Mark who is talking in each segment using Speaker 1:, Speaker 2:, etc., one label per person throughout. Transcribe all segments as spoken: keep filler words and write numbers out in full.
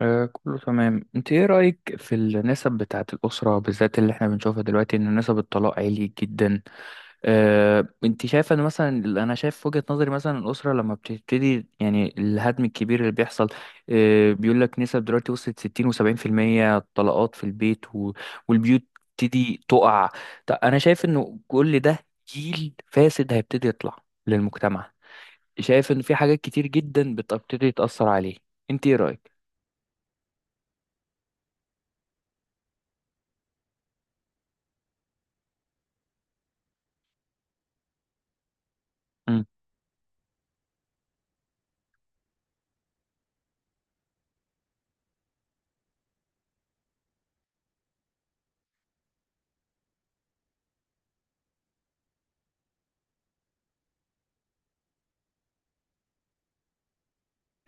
Speaker 1: آه كله تمام. انت ايه رأيك في النسب بتاعة الأسرة، بالذات اللي احنا بنشوفها دلوقتي، ان نسب الطلاق عالي جدا؟ آه انت شايفة ان مثلا، انا شايف في وجهة نظري مثلا الأسرة لما بتبتدي، يعني الهدم الكبير اللي بيحصل، آه بيقول لك نسب دلوقتي وصلت ستين و70% طلاقات في البيت و... والبيوت تبتدي تقع. طب انا شايف انه كل ده جيل فاسد هيبتدي يطلع للمجتمع. شايف ان في حاجات كتير جدا بتبتدي تأثر عليه. انت ايه رأيك؟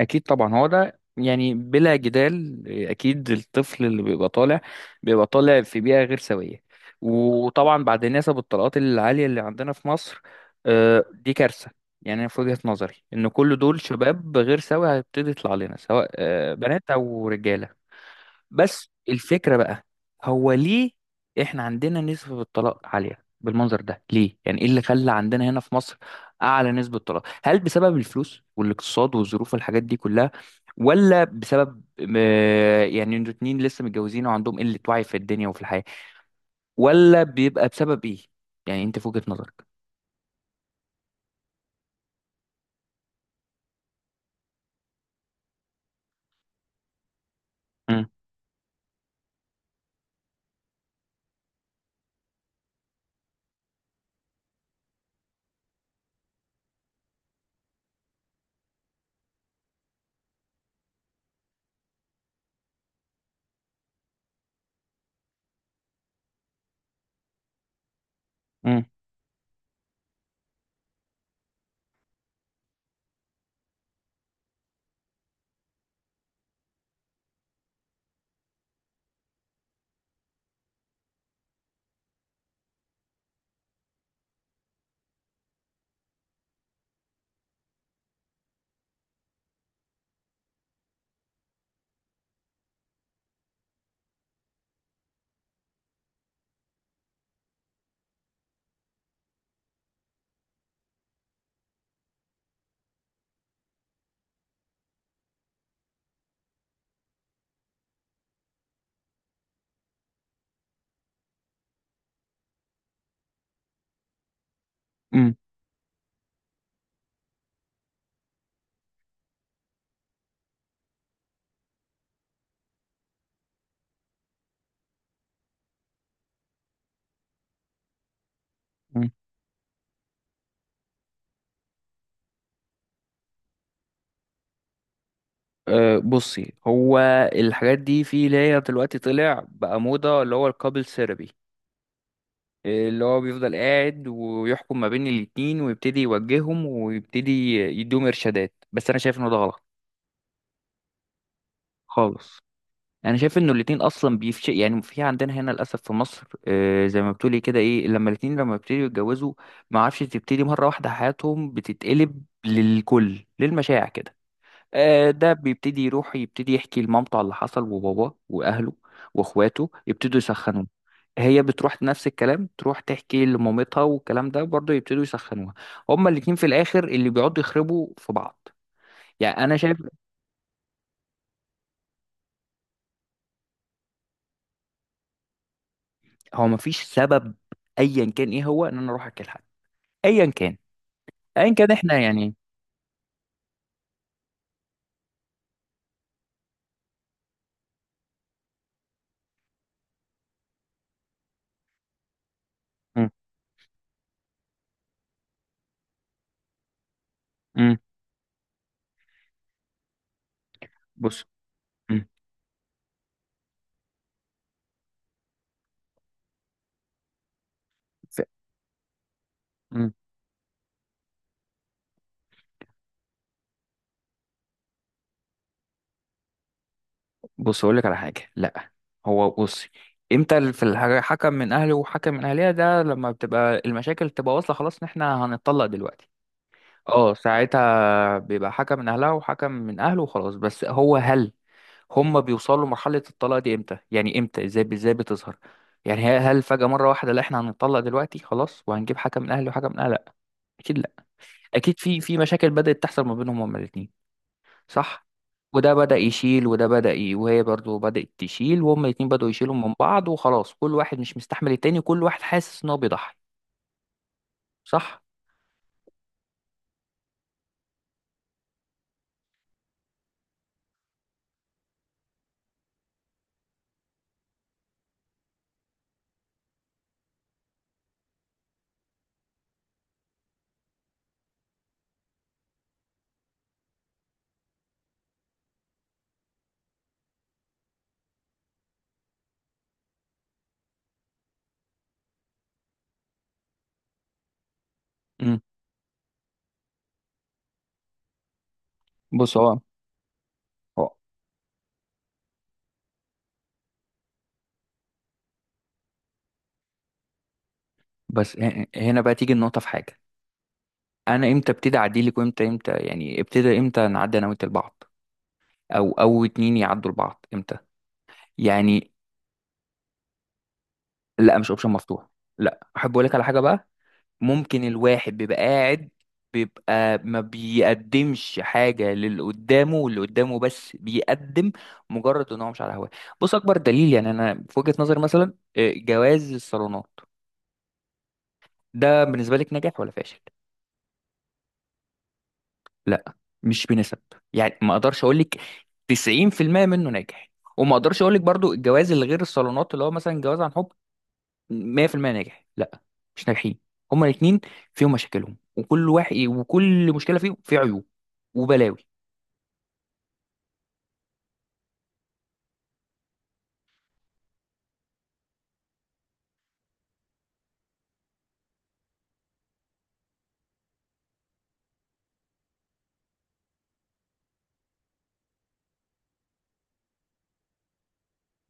Speaker 1: اكيد طبعا، هو ده يعني بلا جدال. اكيد الطفل اللي بيبقى طالع بيبقى طالع في بيئه غير سويه، وطبعا بعد نسب الطلاقات العاليه اللي عندنا في مصر، آه، دي كارثه. يعني انا في وجهه نظري ان كل دول شباب غير سوي هيبتدي يطلع لنا، سواء آه، بنات او رجاله. بس الفكرة بقى، هو ليه احنا عندنا نسبة الطلاق عالية بالمنظر ده؟ ليه يعني؟ ايه اللي خلى عندنا هنا في مصر اعلى نسبة طلاق؟ هل بسبب الفلوس والاقتصاد والظروف والحاجات دي كلها، ولا بسبب آه، يعني انتوا اتنين لسه متجوزين وعندهم قلة وعي في الدنيا وفي الحياة، ولا بيبقى بسبب ايه؟ يعني انت في وجهة نظرك. مم. مم. مم. مم. أه بصي، هو الحاجات دي في اللي هي دلوقتي طلع بقى موضة، اللي هو الكابل ثيرابي، اللي هو بيفضل قاعد ويحكم ما بين الاتنين ويبتدي يوجههم ويبتدي يديهم ارشادات، بس انا شايف انه ده غلط خالص. انا شايف انه الاتنين اصلا بيفش، يعني في عندنا هنا للاسف في مصر، آه، زي ما بتقولي كده، ايه لما الاتنين لما بيبتدوا يتجوزوا ما عارفش، تبتدي مره واحده حياتهم بتتقلب للكل، للمشاع كده. آه، ده بيبتدي يروح يبتدي يحكي لمامته على اللي حصل، وباباه واهله واخواته يبتدوا يسخنوه. هي بتروح نفس الكلام، تروح تحكي لمامتها والكلام ده برضه يبتدوا يسخنوها. هما الاتنين في الاخر اللي بيقعدوا يخربوا في بعض. يعني انا شايف هو مفيش سبب ايا كان ايه هو ان انا اروح احكي لحد، ايا كان، ايا كان احنا يعني. مم. مم. بص. مم. ف- مم. بص اقول لك على حاجه. لا، هو بصي، امتى ال- في الحاجة حكم من اهله وحكم من اهلها؟ ده لما بتبقى المشاكل تبقى واصله خلاص ان احنا هنتطلق دلوقتي. اه ساعتها بيبقى حكم من اهلها وحكم من اهله وخلاص. بس هو هل هم بيوصلوا لمرحله الطلاق دي امتى؟ يعني امتى؟ ازاي ازاي بتظهر؟ يعني هي- هل فجأة مرة واحدة لا احنا هنتطلق دلوقتي خلاص وهنجيب حكم من اهله وحكم من اهلها؟ لا، اكيد لا. اكيد في في مشاكل بدأت تحصل ما بينهم هما الاثنين، صح؟ وده بدأ يشيل وده بدأ ي... وهي برضو بدأت تشيل، وهما الاتنين بدأوا يشيلوا من بعض، وخلاص كل واحد مش مستحمل التاني، وكل واحد حاسس ان هو بيضحي. صح. امم بص، هو هو- بس ه- هنا بقى تيجي النقطة في حاجة. أنا إمتى ابتدي أعديلك؟ وإمتى إمتى يعني ابتدى، إمتى نعدي أنا وأنت لبعض، أو أو اتنين يعدوا لبعض إمتى؟ يعني. لا مش أوبشن مفتوح. لا أحب أقول لك على حاجة بقى. ممكن الواحد بيبقى قاعد بيبقى ما بيقدمش حاجة للي قدامه، واللي قدامه بس بيقدم مجرد ان هو مش على هواه. بص اكبر دليل، يعني انا في وجهة نظري مثلا، آه، جواز الصالونات ده بالنسبة لك ناجح ولا فاشل؟ لا مش بنسب، يعني ما اقدرش اقول لك تسعين بالمية منه ناجح، وما اقدرش اقول لك برضو الجواز اللي غير الصالونات، اللي هو مثلا جواز عن حب، مية بالمية ناجح. لا، مش ناجحين هما الاثنين. فيهم مشاكلهم، وكل واحد إيه، وكل مشكله فيهم في عيوب وبلاوي.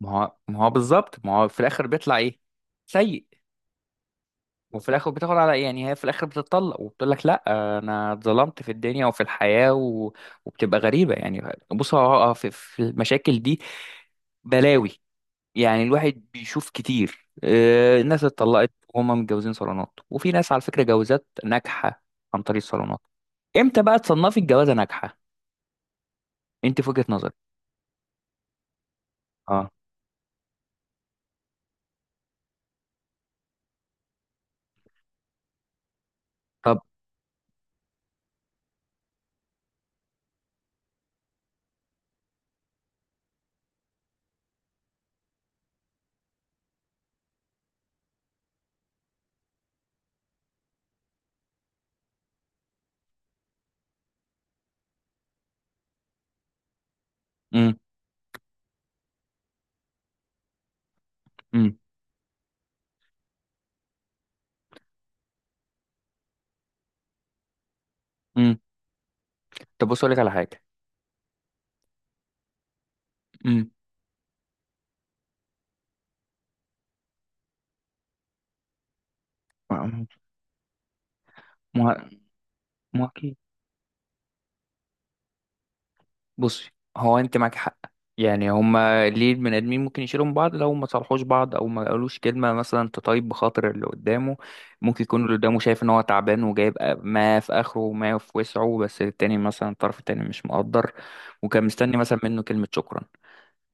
Speaker 1: ما هو ما هو بالظبط، ما هو في الاخر بيطلع ايه؟ سيء. وفي الاخر بتاخد على، يعني هي في الاخر بتتطلق وبتقول لك لا انا اتظلمت في الدنيا وفي الحياه و... وبتبقى غريبه يعني. بص هو- هو في في المشاكل دي بلاوي، يعني الواحد بيشوف كتير. آه، الناس اتطلقت وهم متجوزين صالونات، وفي ناس على فكره جوازات ناجحه عن طريق الصالونات. امتى بقى تصنفي الجوازه ناجحه انت في وجهه نظرك؟ اه. طب. امم امم امم طب بص اقول لك على حاجه. امم ما، ما اكيد. بصي هو انت معاك حق، يعني هما ليه البني ادمين ممكن يشيلوا من بعض؟ لو ما صالحوش بعض او ما قالوش كلمه مثلا تطيب بخاطر اللي قدامه. ممكن يكون اللي قدامه شايف ان هو تعبان وجايب ما في اخره وما في وسعه، بس التاني مثلا الطرف التاني مش مقدر، وكان مستني مثلا منه كلمه شكرا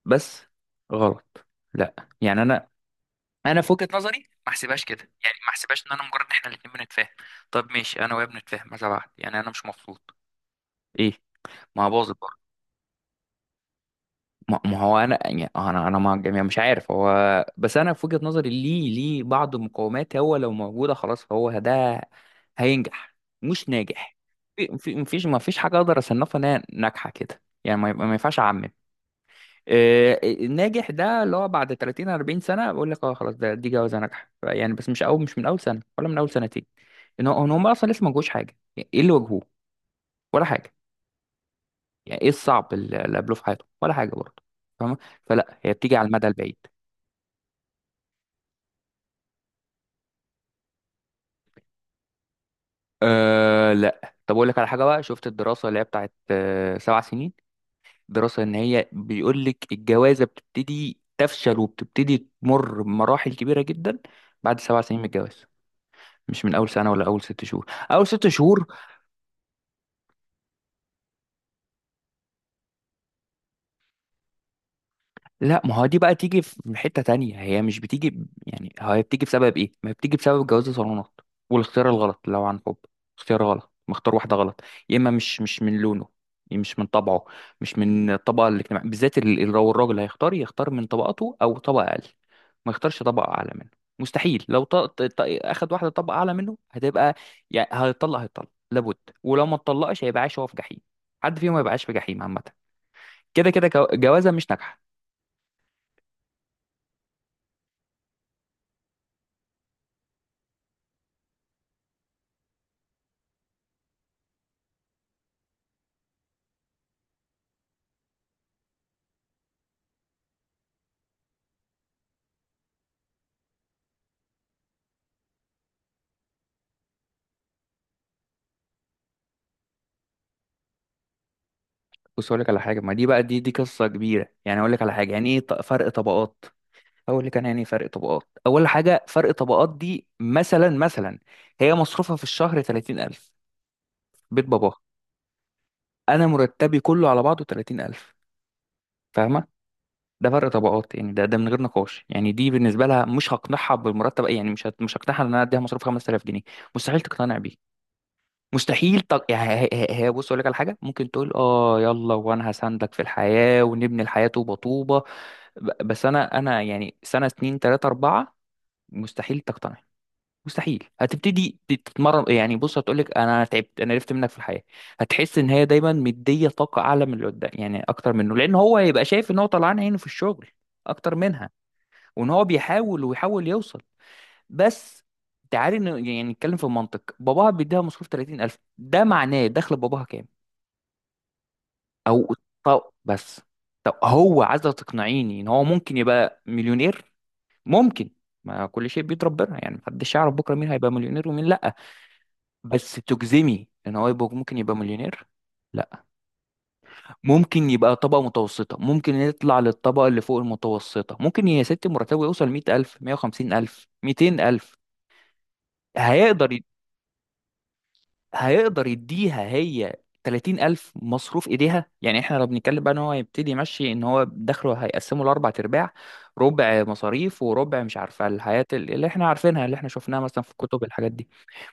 Speaker 1: بس. غلط. لا، يعني انا، انا في وجهة نظري ما احسبهاش كده، يعني ما احسبهاش ان انا مجرد ان احنا الاتنين بنتفاهم، طب ماشي انا وهي بنتفاهم ماذا بعد؟ يعني انا مش مبسوط. ايه؟ ما هو باظت برضه. ما ما هو انا يعني، آه، انا، انا مع الجميع مش عارف هو. بس انا في وجهة نظري، ليه ليه بعض المقومات هو لو موجودة خلاص فهو ده هينجح. مش ناجح. في في- مفيش مفيش حاجة اقدر اصنفها انها ناجحة كده، يعني ما ما ينفعش اعمم. آه، آه، الناجح ده اللي هو بعد تلاتين اربعين سنة بقول لك اه خلاص ده، دي جوازة ناجحة. يعني بس مش اول، مش من اول سنة ولا من اول سنتين، ان هو إن هم اصلا لسه ما جوش حاجه، يعني ايه اللي واجهوه ولا حاجه؟ يعني ايه الصعب اللي اللي قابلوه في حياتهم ولا حاجه برضه؟ فاهمه، فلا هي بتيجي على المدى البعيد. أه لا، طب اقول لك على حاجه بقى، شفت الدراسه اللي هي بتاعت، آه، سبع سنين؟ دراسه ان هي بيقول لك الجوازه بتبتدي تفشل وبتبتدي تمر بمراحل كبيره جدا بعد سبع سنين من الجواز، مش من اول سنه ولا اول ست شهور. اول ست شهور؟ لا ما هو دي بقى تيجي في حتة تانية، هي مش بتيجي ب- يعني هي بتيجي بسبب ايه؟ ما هي بتيجي بسبب جواز الصالونات، والاختيار الغلط. لو عن حب، اختيار غلط مختار واحدة غلط، يا اما مش مش من لونه، مش من طبعه، مش من الطبقة الاجتماعية، بالذات ال- ال- لو الراجل هيختار يختار من طبقته او طبقة اقل، ما يختارش طبقة اعلى منه، مستحيل. لو ط... ط... ط... اخد واحدة طبقة اعلى منه هتبقى، يعني هيطلق هيطلق لابد. ولو ما اتطلقش هيبقى عايش هو في جحيم، حد فيهم ما يبقاش في جحيم عامة، كده كده جو- جوازة مش ناجحة. بص اقول لك على حاجه. ما دي بقى، دي دي قصه كبيره، يعني اقول لك على حاجه، يعني ايه ط- فرق طبقات. اقول لك انا يعني إيه فرق طبقات. اول حاجه فرق طبقات دي مثلا، مثلا هي مصروفها في الشهر تلاتين ألف، بيت باباها. انا مرتبي كله على بعضه تلاتين ألف، فاهمه؟ ده فرق طبقات، يعني ده ده من غير نقاش. يعني دي بالنسبه لها مش هقنعها بالمرتب، يعني مش هت- مش هقنعها ان انا اديها مصروف خمست آلاف جنيه. مستحيل تقتنع بيه. مستحيل تق... يعني هي هي- هي- بص اقول لك على حاجه، ممكن تقول اه يلا وانا هساندك في الحياه ونبني الحياه طوبه طوبه، ب- بس انا، انا يعني سنه اتنين تلاته اربعه مستحيل تقتنع. مستحيل هتبتدي ت- تتمرن، يعني بص هتقولك انا تعبت، انا عرفت منك في الحياه. هتحس ان هي دايما مديه طاقه اعلى من اللي قدام، يعني اكتر منه، لان هو هيبقى شايف ان هو طلعان عينه في الشغل اكتر منها، وان هو بيحاول ويحاول يوصل. بس تعالي ن- يعني نتكلم في المنطق، باباها بيديها مصروف تلاتين ألف ده معناه دخل باباها كام؟ او، طب بس، طب هو عايز تقنعيني ان هو ممكن يبقى مليونير؟ ممكن، ما كل شيء بيد ربنا، يعني محدش يعرف بكره مين هيبقى مليونير ومين لا. بس تجزمي ان هو يبقى ممكن يبقى مليونير، لا. ممكن يبقى طبقة متوسطة، ممكن يطلع للطبقة اللي فوق المتوسطة، ممكن يا ست مرتبه يوصل مية ألف، مية وخمسين ألف، ميتين ألف. هيقدر، هيقدر يديها هي تلاتين ألف مصروف إيديها؟ يعني إحنا لو بنتكلم بقى إن هو يبتدي يمشي، إن هو دخله هيقسمه لأربع أرباع، ربع مصاريف وربع مش عارفة الحياة اللي إحنا عارفينها اللي إحنا شفناها مثلا في الكتب الحاجات دي.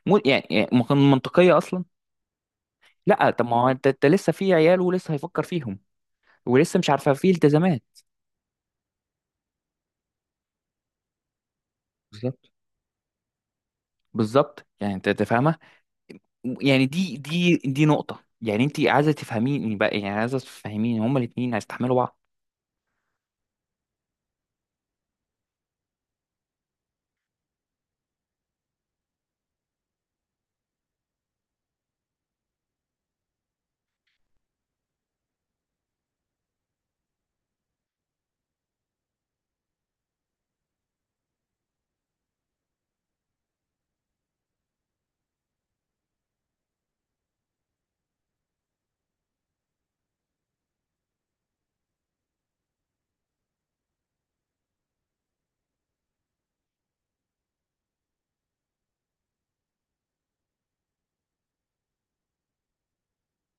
Speaker 1: مو يعني، يعني ما كان منطقية أصلا. لا طب ما هو أنت أنت لسه في عيال ولسه هيفكر فيهم ولسه مش عارفة في التزامات. بالظبط، بالظبط. يعني أنت أنت فاهمة؟ يعني دي دي دي نقطة. يعني أنت عايزة تفهميني بقى، يعني عايزة تفهميني هما الاتنين هيستحملوا بعض؟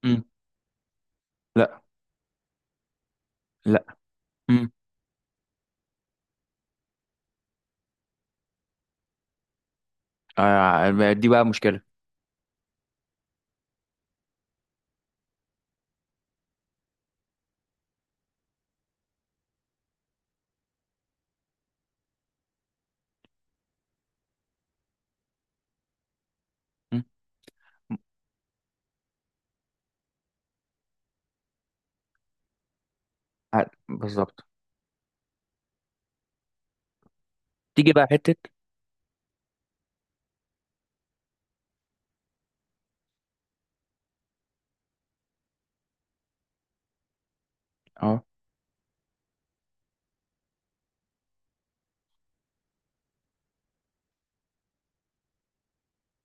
Speaker 1: امم لا. لا امم آه. آه، دي بقى مشكلة. مم. آه، بالظبط. تيجي بقى حتة. اه.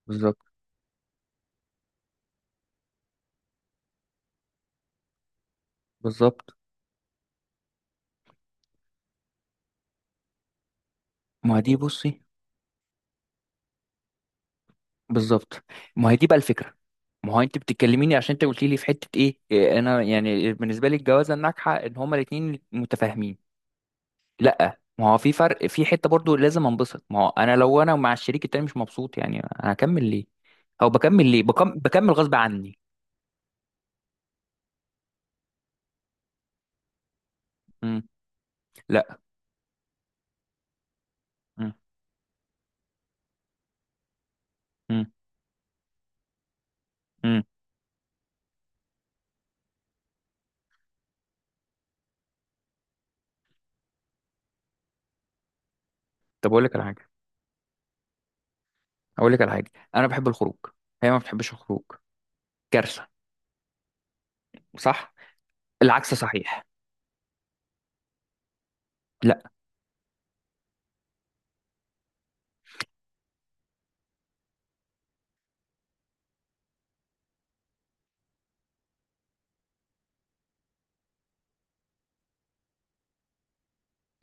Speaker 1: بالظبط، بالظبط. ما دي بصي بالظبط، ما هي دي بقى الفكره. ما هو انت بتتكلميني عشان انت قلت لي في حته ايه، إيه، انا يعني بالنسبه لي الجوازه الناجحه ان هما الاثنين متفاهمين. لا ما هو في فرق، في حته برضو لازم انبسط. ما هو انا لو انا مع الشريك التاني مش مبسوط، يعني انا هكمل ليه؟ او بكمل ليه؟ بكم... بكمل غصب عني. امم لا. امم امم امم طب اقول لك على حاجه، اقول لك على حاجه، انا بحب الخروج. هي ما بتحبش الخروج. كارثه، صح. العكس صحيح.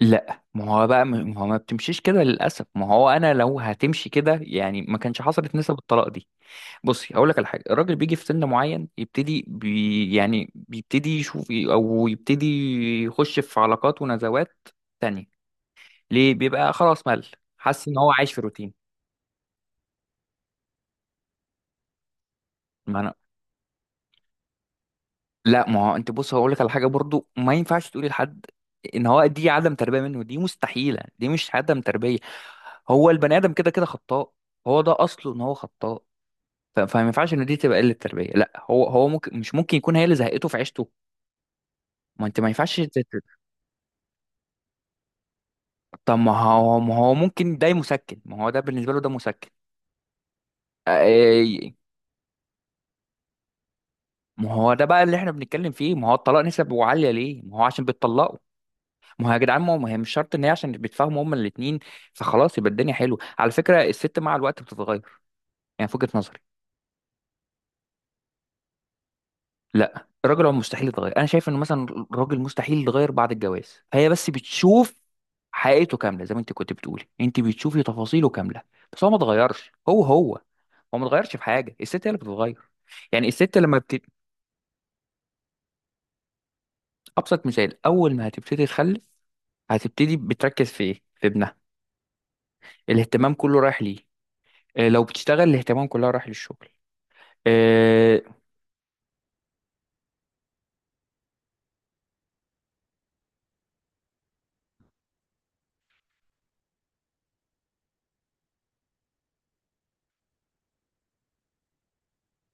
Speaker 1: لا ما هو بقى ما ما هو ما بتمشيش كده للاسف. ما هو انا لو هتمشي كده يعني ما كانش حصلت نسب الطلاق دي. بصي هقول لك على حاجه، الراجل بيجي في سن معين يبتدي بي، يعني بيبتدي يشوف، او يبتدي يخش في علاقات ونزوات تانية. ليه؟ بيبقى خلاص مل، حاسس ان هو عايش في روتين. ما انا لا ما هو انت بص هقول لك على حاجه برضو، ما ينفعش تقولي لحد ان هو دي عدم تربيه منه، دي مستحيله دي مش عدم تربيه. هو البني ادم كده كده خطاء، هو ده اصله ان هو خطاء. ف- فما ينفعش ان دي تبقى قله تربيه، لا. هو هو ممكن، مش ممكن يكون هي اللي زهقته في عيشته؟ ما انت ما ينفعش ت- ت- طب ما هو ما هو ممكن ده مسكن، ما هو ده بالنسبه له ده مسكن. آه، ما هو ده بقى اللي احنا بنتكلم فيه، ما هو الطلاق نسبه عاليه ليه؟ ما هو عشان بيتطلقوا. ما هو يا جدعان ما هو ما هي مش شرط ان هي عشان بيتفاهموا هما الاثنين فخلاص يبقى الدنيا حلوه. على فكره الست مع الوقت بتتغير، يعني في وجهه نظري. لا الراجل هو مستحيل يتغير، انا شايف انه مثلا الراجل مستحيل يتغير بعد الجواز، فهي بس بتشوف حقيقته كامله، زي ما انت كنت بتقولي انت بتشوفي تفاصيله كامله. بس هو ما اتغيرش. هو هو هو ما اتغيرش في حاجه، الست هي اللي بتتغير. يعني الست لما بت... ابسط مثال، اول ما هتبتدي تخلف هتبتدي بتركز في ايه؟ في ابنها. الاهتمام كله رايح ليه. آه، لو بتشتغل الاهتمام كلها رايح للشغل. آه،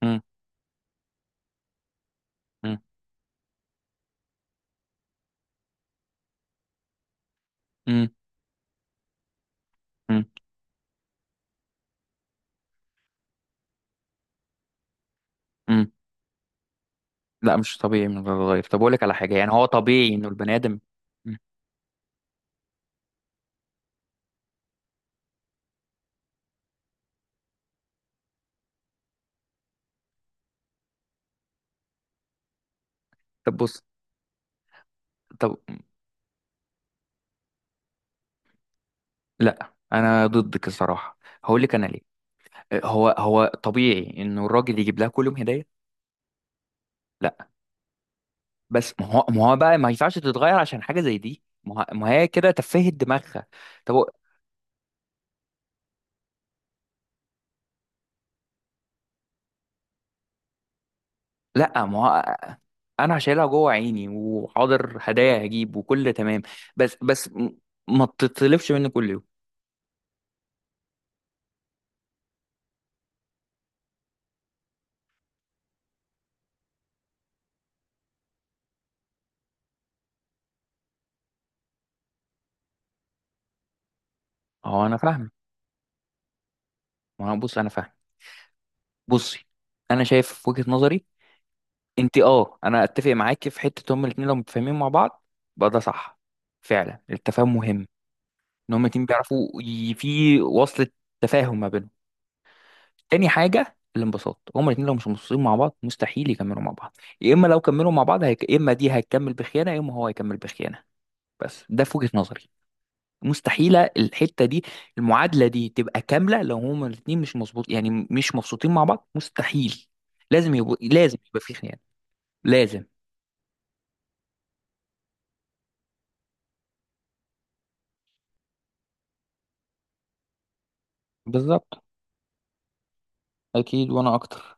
Speaker 1: مم، مم، مم، مم، مم. لا مش طبيعي انه يتغير. طب اقول لك على حاجه، يعني هو طبيعي انه البني ادم، طب بص طب لا انا ضدك الصراحه، هقول لك انا ليه. هو هو طبيعي انه الراجل يجيب لها كل يوم هديه؟ لا. بس ما هو ما هو بقى ما ينفعش تتغير عشان حاجه زي دي، ما هو- ما هي كده تفهت دماغها. طب هو- لا ما هو انا شايلها جوه عيني، وحاضر هدايا هجيب وكل تمام، بس بس م- ما تطلبش مني كل يوم. هو انا فاهم. ما هو بص انا فاهم. بصي، انا شايف في وجهه نظري، انت اه، انا اتفق معاكي في حته، هما الاثنين لو متفاهمين مع بعض بقى ده صح، فعلا التفاهم مهم، ان هما الاتنين بيعرفوا ي- في وصلة تفاهم ما بينهم. تاني حاجه الانبساط، هما الاثنين لو مش مبسوطين مع بعض مستحيل يكملوا مع بعض. يا اما لو كملوا مع بعض هيك... يا اما دي هتكمل بخيانه، يا اما هو هيكمل بخيانه، بس ده في وجهه نظري. مستحيله الحته دي، المعادله دي تبقى كامله لو هما الاثنين مش مظبوط، يعني مش مبسوطين مع بعض مستحيل، لازم يبقى، لازم يبقى في خيانه، لازم. بالظبط، أكيد وأنا أكتر.